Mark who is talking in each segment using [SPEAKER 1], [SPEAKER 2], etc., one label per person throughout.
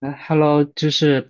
[SPEAKER 1] 哎，Hello，就是，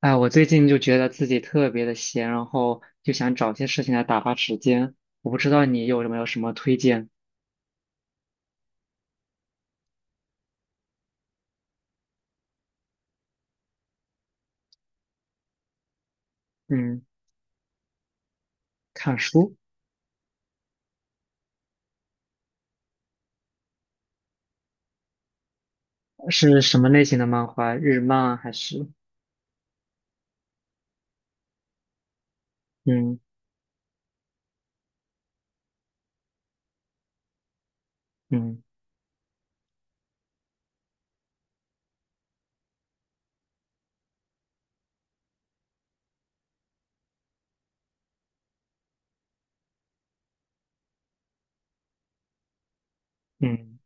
[SPEAKER 1] 哎，我最近就觉得自己特别的闲，然后就想找些事情来打发时间。我不知道你有没有什么推荐？嗯，看书。是什么类型的漫画？日漫还是？嗯嗯嗯，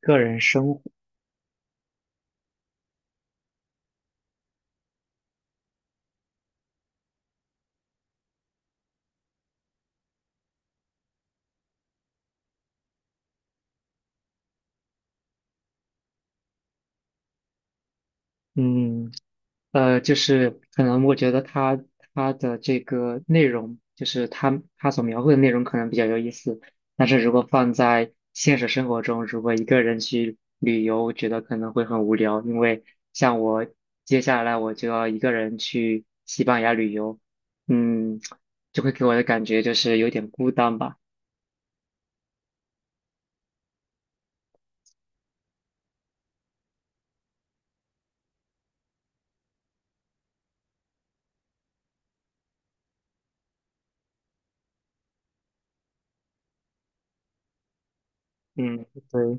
[SPEAKER 1] 个人生活？嗯。嗯。就是可能我觉得他的这个内容，就是他所描绘的内容可能比较有意思，但是如果放在现实生活中，如果一个人去旅游，我觉得可能会很无聊，因为像我，接下来我就要一个人去西班牙旅游，嗯，就会给我的感觉就是有点孤单吧。嗯。对，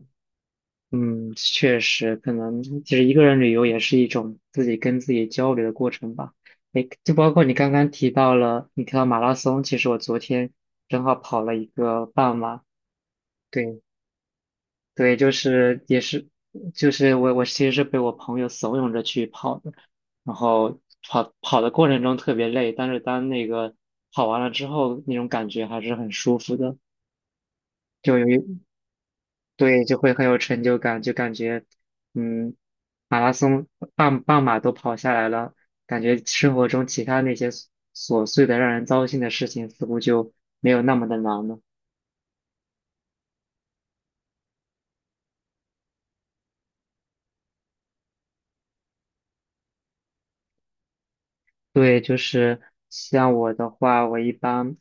[SPEAKER 1] 嗯，确实，可能其实一个人旅游也是一种自己跟自己交流的过程吧。诶，就包括你刚刚提到了，你提到马拉松，其实我昨天正好跑了一个半马。对，对，就是也是，就是我其实是被我朋友怂恿着去跑的，然后跑的过程中特别累，但是当那个跑完了之后，那种感觉还是很舒服的，就有一对，就会很有成就感，就感觉，嗯，马拉松半马都跑下来了，感觉生活中其他那些琐碎的让人糟心的事情似乎就没有那么的难了。对，就是像我的话，我一般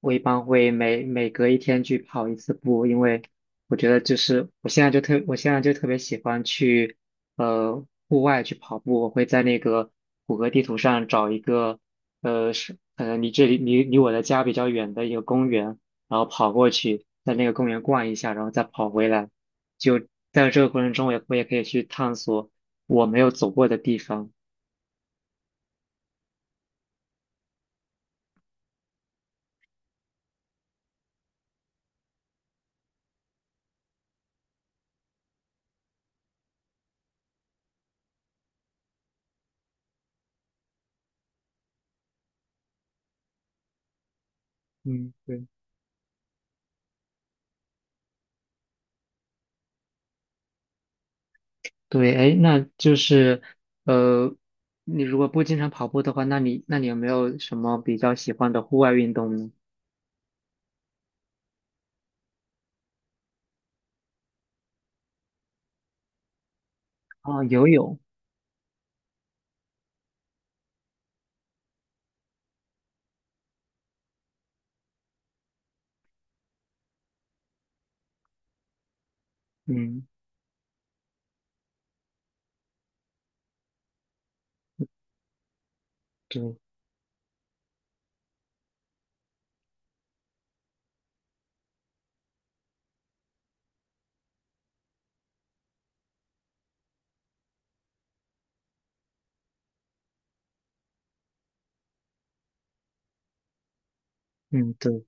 [SPEAKER 1] 我一般会每隔一天去跑一次步，因为我觉得就是我现在就特别喜欢去户外去跑步，我会在那个谷歌地图上找一个离这里离离我的家比较远的一个公园，然后跑过去，在那个公园逛一下，然后再跑回来，就在这个过程中我也可以去探索我没有走过的地方。嗯，对。对，哎，那就是，呃，你如果不经常跑步的话，那你有没有什么比较喜欢的户外运动呢？啊，游泳。嗯，对。嗯，对。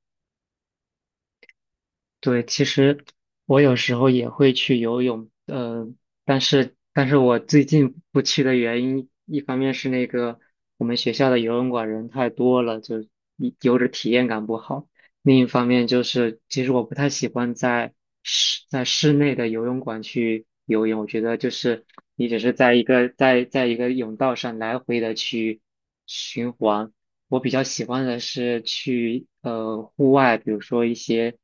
[SPEAKER 1] 对，其实我有时候也会去游泳。但是我最近不去的原因，一方面是那个我们学校的游泳馆人太多了，就一游着体验感不好；另一方面就是，其实我不太喜欢在室内的游泳馆去游泳，我觉得就是你只是在一个泳道上来回的去循环。我比较喜欢的是去户外，比如说一些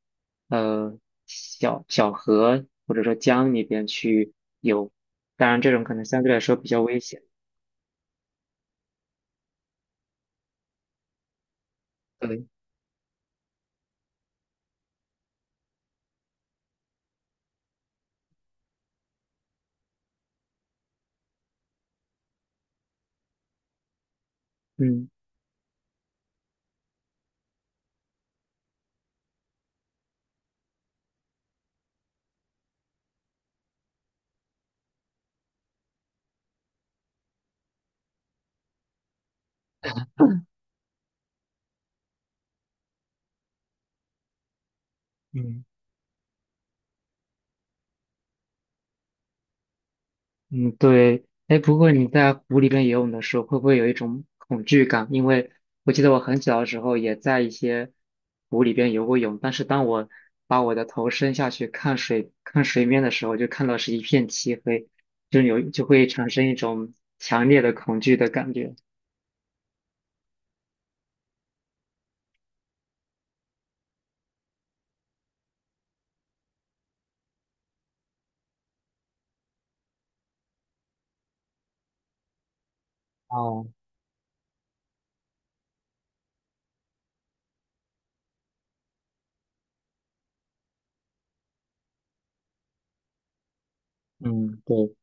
[SPEAKER 1] 呃小河或者说江里边去游，当然这种可能相对来说比较危险。对，嗯。嗯，对，哎，不过你在湖里边游泳的时候，会不会有一种恐惧感？因为我记得我很小的时候也在一些湖里边游过泳，但是当我把我的头伸下去看水看水面的时候，就看到是一片漆黑，就会产生一种强烈的恐惧的感觉。哦，嗯，对，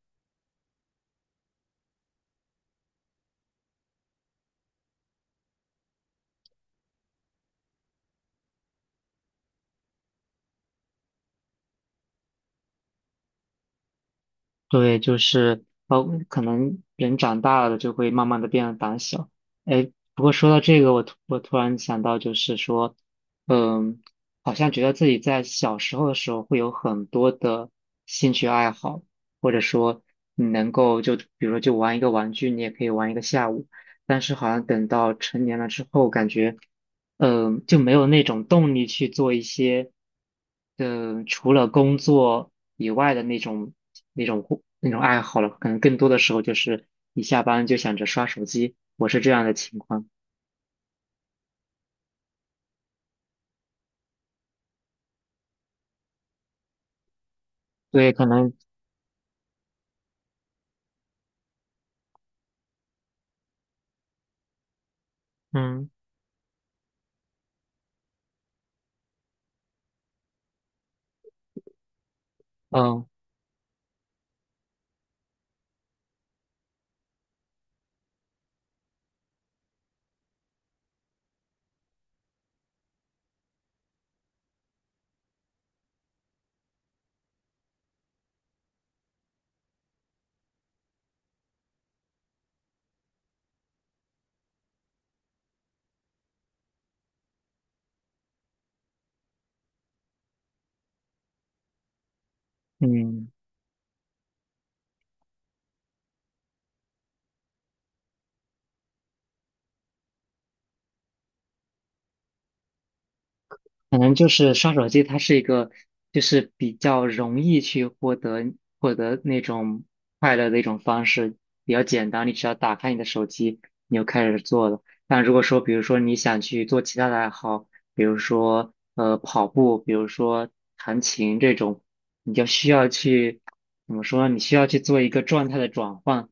[SPEAKER 1] 对，就是包括可能人长大了就会慢慢的变得胆小。哎，不过说到这个，我突然想到，就是说，嗯，好像觉得自己在小时候的时候会有很多的兴趣爱好，或者说你能够就比如说就玩一个玩具，你也可以玩一个下午。但是好像等到成年了之后，感觉。嗯、就没有那种动力去做一些，嗯、除了工作以外的那种那种活那种爱好了。可能更多的时候就是一下班就想着刷手机，我是这样的情况。所以可能，嗯嗯嗯。可能就是刷手机，它是一个就是比较容易去获得那种快乐的一种方式，比较简单。你只要打开你的手机，你就开始做了。但如果说，比如说你想去做其他的爱好，比如说跑步，比如说弹琴这种，你就需要去，怎么说呢？你需要去做一个状态的转换，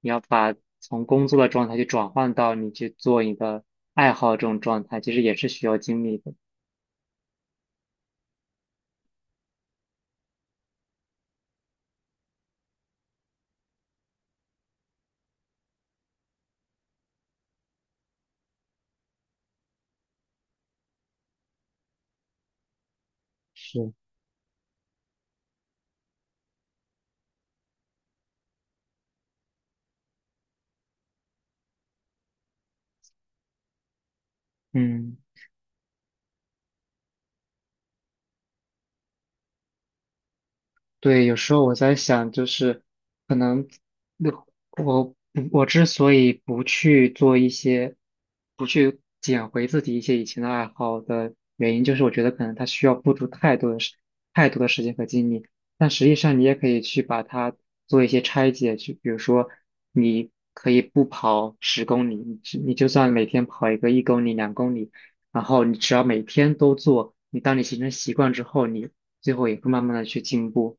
[SPEAKER 1] 你要把从工作的状态去转换到你去做你的爱好这种状态，其实也是需要精力的。是。嗯，对，有时候我在想，就是可能，那我之所以不去做一些，不去捡回自己一些以前的爱好的原因，就是我觉得可能它需要付出太多的时间和精力。但实际上，你也可以去把它做一些拆解，就比如说，你可以不跑10公里，你就算每天跑一个1公里、2公里，然后你只要每天都做，你当你形成习惯之后，你最后也会慢慢的去进步。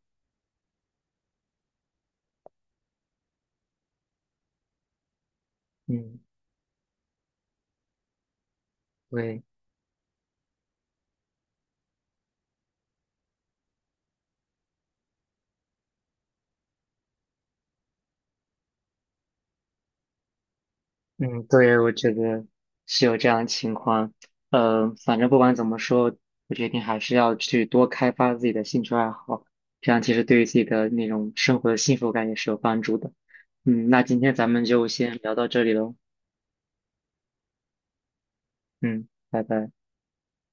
[SPEAKER 1] 嗯，对，嗯，对，我觉得是有这样的情况。反正不管怎么说，我决定还是要去多开发自己的兴趣爱好，这样其实对于自己的那种生活的幸福感也是有帮助的。嗯，那今天咱们就先聊到这里喽。嗯，拜拜。